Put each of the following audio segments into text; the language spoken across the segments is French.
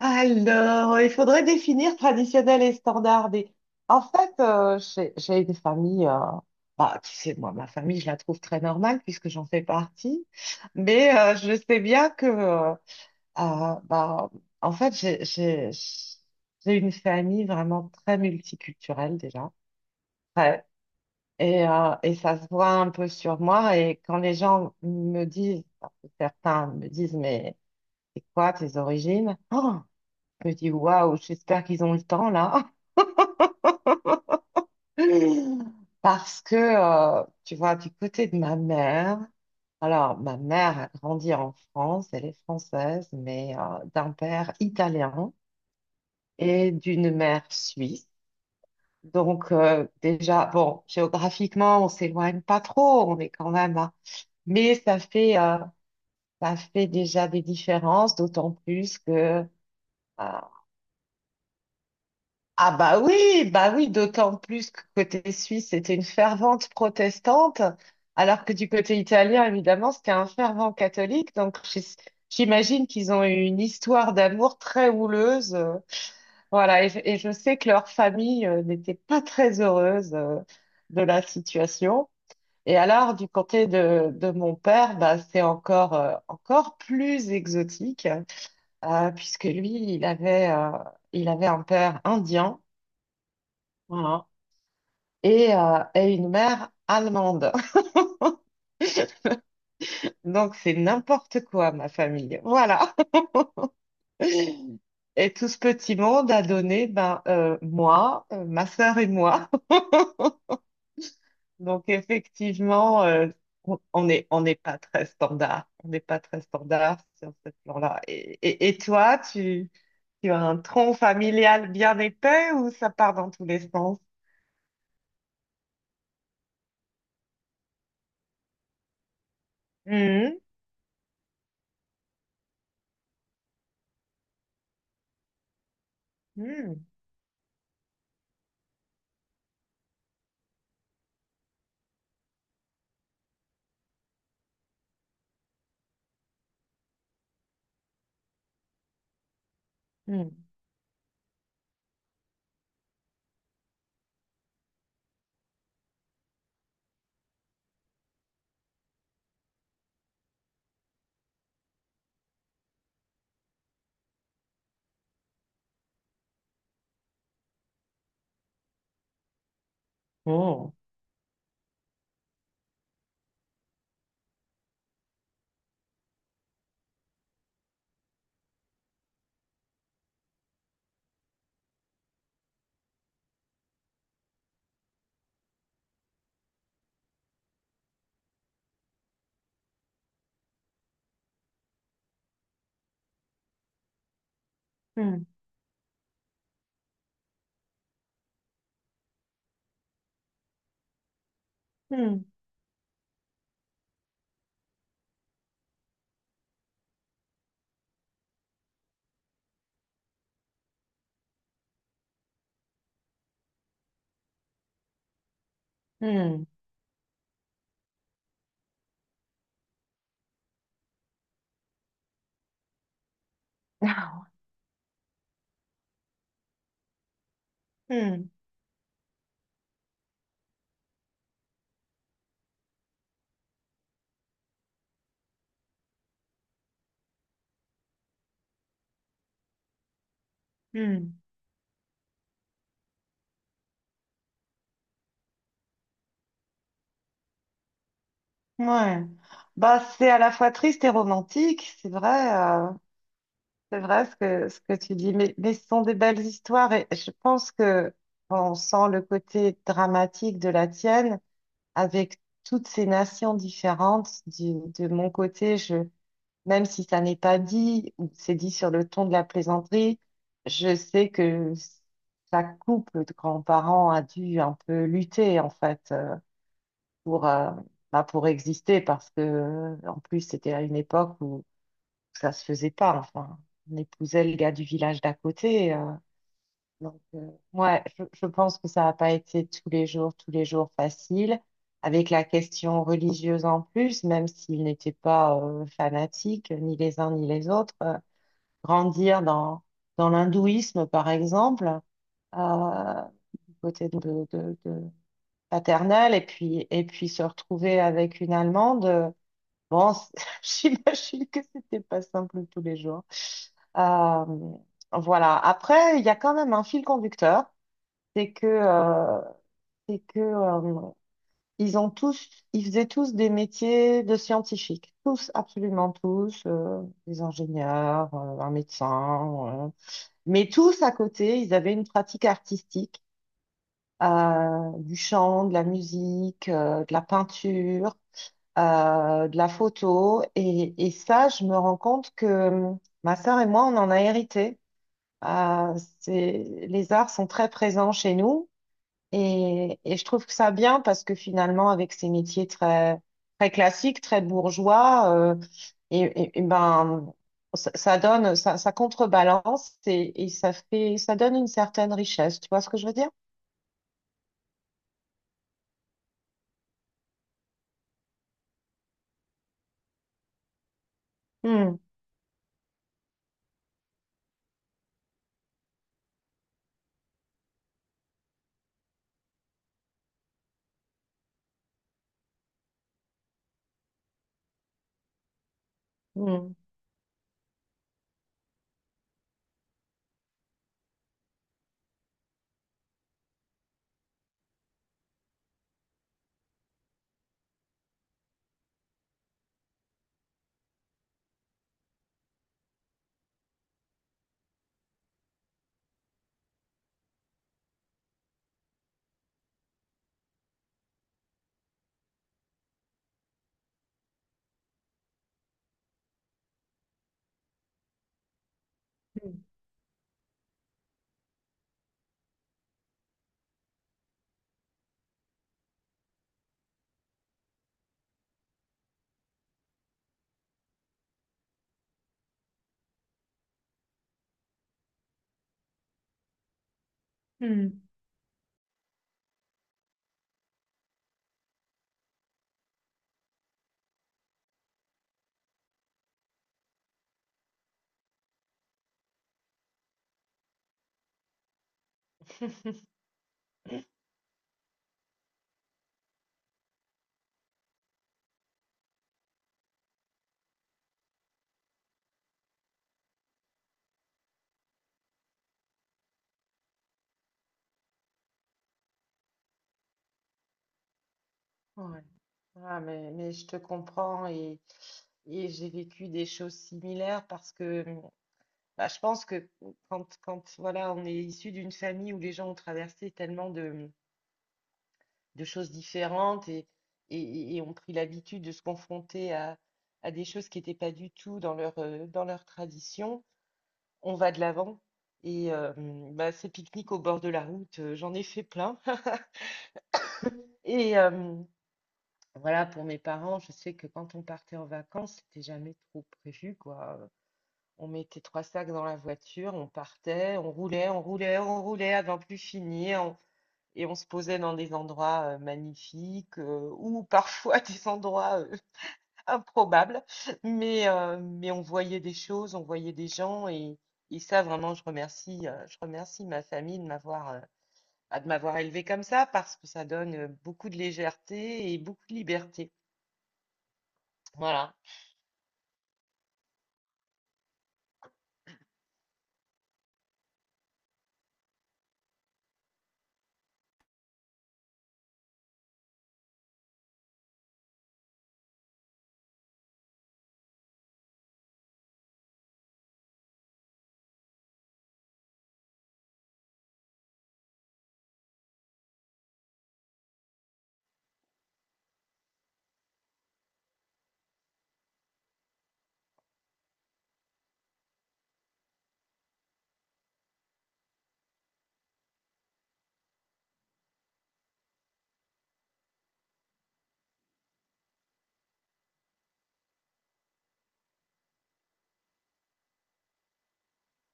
Alors, il faudrait définir traditionnel et standard. Et en fait, j'ai des familles, bah, tu sais, moi, ma famille, je la trouve très normale puisque j'en fais partie. Mais je sais bien que, euh, bah, en fait, j'ai une famille vraiment très multiculturelle déjà. Ouais. Et et ça se voit un peu sur moi. Et quand les gens me disent, parce que certains me disent, mais c'est quoi tes origines? Oh, je me dis, waouh, j'espère qu'ils ont le temps là. Parce que, tu vois, du côté de ma mère, alors ma mère a grandi en France, elle est française, mais d'un père italien et d'une mère suisse. Donc déjà, bon, géographiquement, on s'éloigne pas trop, on est quand même à- Mais ça fait, euh, ça fait déjà des différences, d'autant plus que... euh, Ah bah oui, d'autant plus que côté suisse, c'était une fervente protestante, alors que du côté italien, évidemment, c'était un fervent catholique. Donc j'imagine qu'ils ont eu une histoire d'amour très houleuse. Voilà, et je sais que leur famille n'était pas très heureuse de la situation. Et alors, du côté de mon père, bah, c'est encore, encore plus exotique, puisque lui, il avait, euh, il avait un père indien. Voilà. Et et une mère allemande. Donc c'est n'importe quoi, ma famille. Voilà. Et tout ce petit monde a donné ben, moi, ma sœur et moi. Donc effectivement, on est, on n'est pas très standard. On n'est pas très standard sur ce plan-là. Et toi, tu as un tronc familial bien épais ou ça part dans tous les sens? Hmm, hmm, hmm. Oh. Hmm, hmm, hmm. Hmm, hmm. Ouais. Bah, c'est à la fois triste et romantique, c'est vrai ce que tu dis, mais ce sont des belles histoires et je pense que on sent le côté dramatique de la tienne avec toutes ces nations différentes. De mon côté, même si ça n'est pas dit ou c'est dit sur le ton de la plaisanterie, je sais que chaque couple de grands-parents a dû un peu lutter en fait pour bah, pour exister parce que, en plus, c'était à une époque où ça se faisait pas. Enfin, on épousait le gars du village d'à côté. Donc ouais, je pense que ça n'a pas été tous les jours facile. Avec la question religieuse en plus, même s'ils n'étaient pas fanatiques, ni les uns ni les autres, grandir dans l'hindouisme, par exemple, euh, du côté de paternel, et puis se retrouver avec une Allemande. Bon, j'imagine que c'était pas simple tous les jours. Euh, voilà. Après, il y a quand même un fil conducteur, c'est que, euh, c'est que ils ont tous, ils faisaient tous des métiers de scientifiques, tous, absolument tous, des ingénieurs, un médecin, mais tous à côté, ils avaient une pratique artistique, du chant, de la musique, de la peinture de la photo. Et ça, je me rends compte que ma sœur et moi, on en a hérité. Euh, c'est, les arts sont très présents chez nous et je trouve que ça bien parce que finalement, avec ces métiers très, très classiques, très bourgeois, et ben, ça, ça contrebalance et ça fait, ça donne une certaine richesse. Tu vois ce que je veux dire? Hmm, hmm. Hmm. Ouais. Ah, mais je te comprends et et j'ai vécu des choses similaires parce que bah, je pense que quand voilà, on est issu d'une famille où les gens ont traversé tellement de de choses différentes et ont pris l'habitude de se confronter à des choses qui n'étaient pas du tout dans leur dans leur tradition, on va de l'avant. Bah, ces pique-niques au bord de la route, j'en ai fait plein. Et, euh, mmh, Voilà, pour mes parents, je sais que quand on partait en vacances, c'était jamais trop prévu, quoi. On mettait trois sacs dans la voiture, on partait, on roulait, on roulait, on roulait avant plus finir, et on se posait dans des endroits magnifiques ou parfois des endroits improbables. Mais on voyait des choses, on voyait des gens, et ça, vraiment, je remercie ma famille de m'avoir bah, de m'avoir élevée comme ça parce que ça donne beaucoup de légèreté et beaucoup de liberté. Voilà.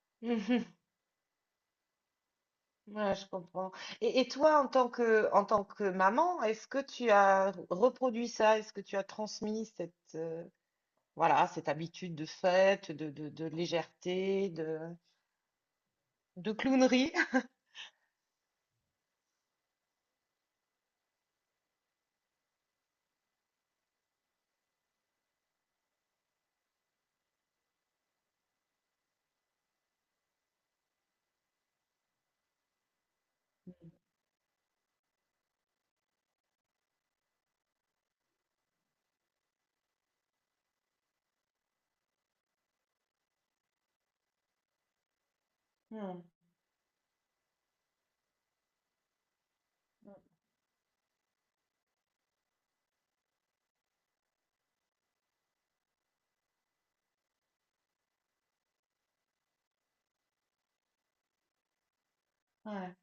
Mhm. Ouais, je comprends. Et toi, en tant que maman, est-ce que tu as reproduit ça? Est-ce que tu as transmis cette, voilà, cette habitude de fête, de légèreté, de clownerie? Hmm. Ouais.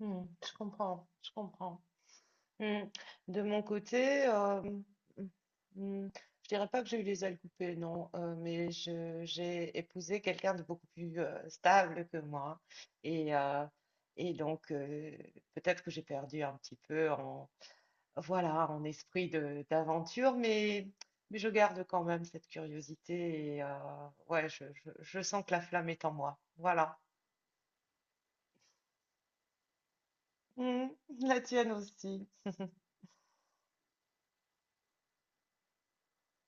Hmm. Je comprends, je comprends. Mm. De mon côté, mm, je dirais pas que j'ai eu les ailes coupées, non, mais j'ai épousé quelqu'un de beaucoup plus stable que moi. Et, euh, et donc, peut-être que j'ai perdu un petit peu voilà, en esprit d'aventure, mais je garde quand même cette curiosité. Et ouais, je sens que la flamme est en moi. Voilà. Mm, la tienne aussi.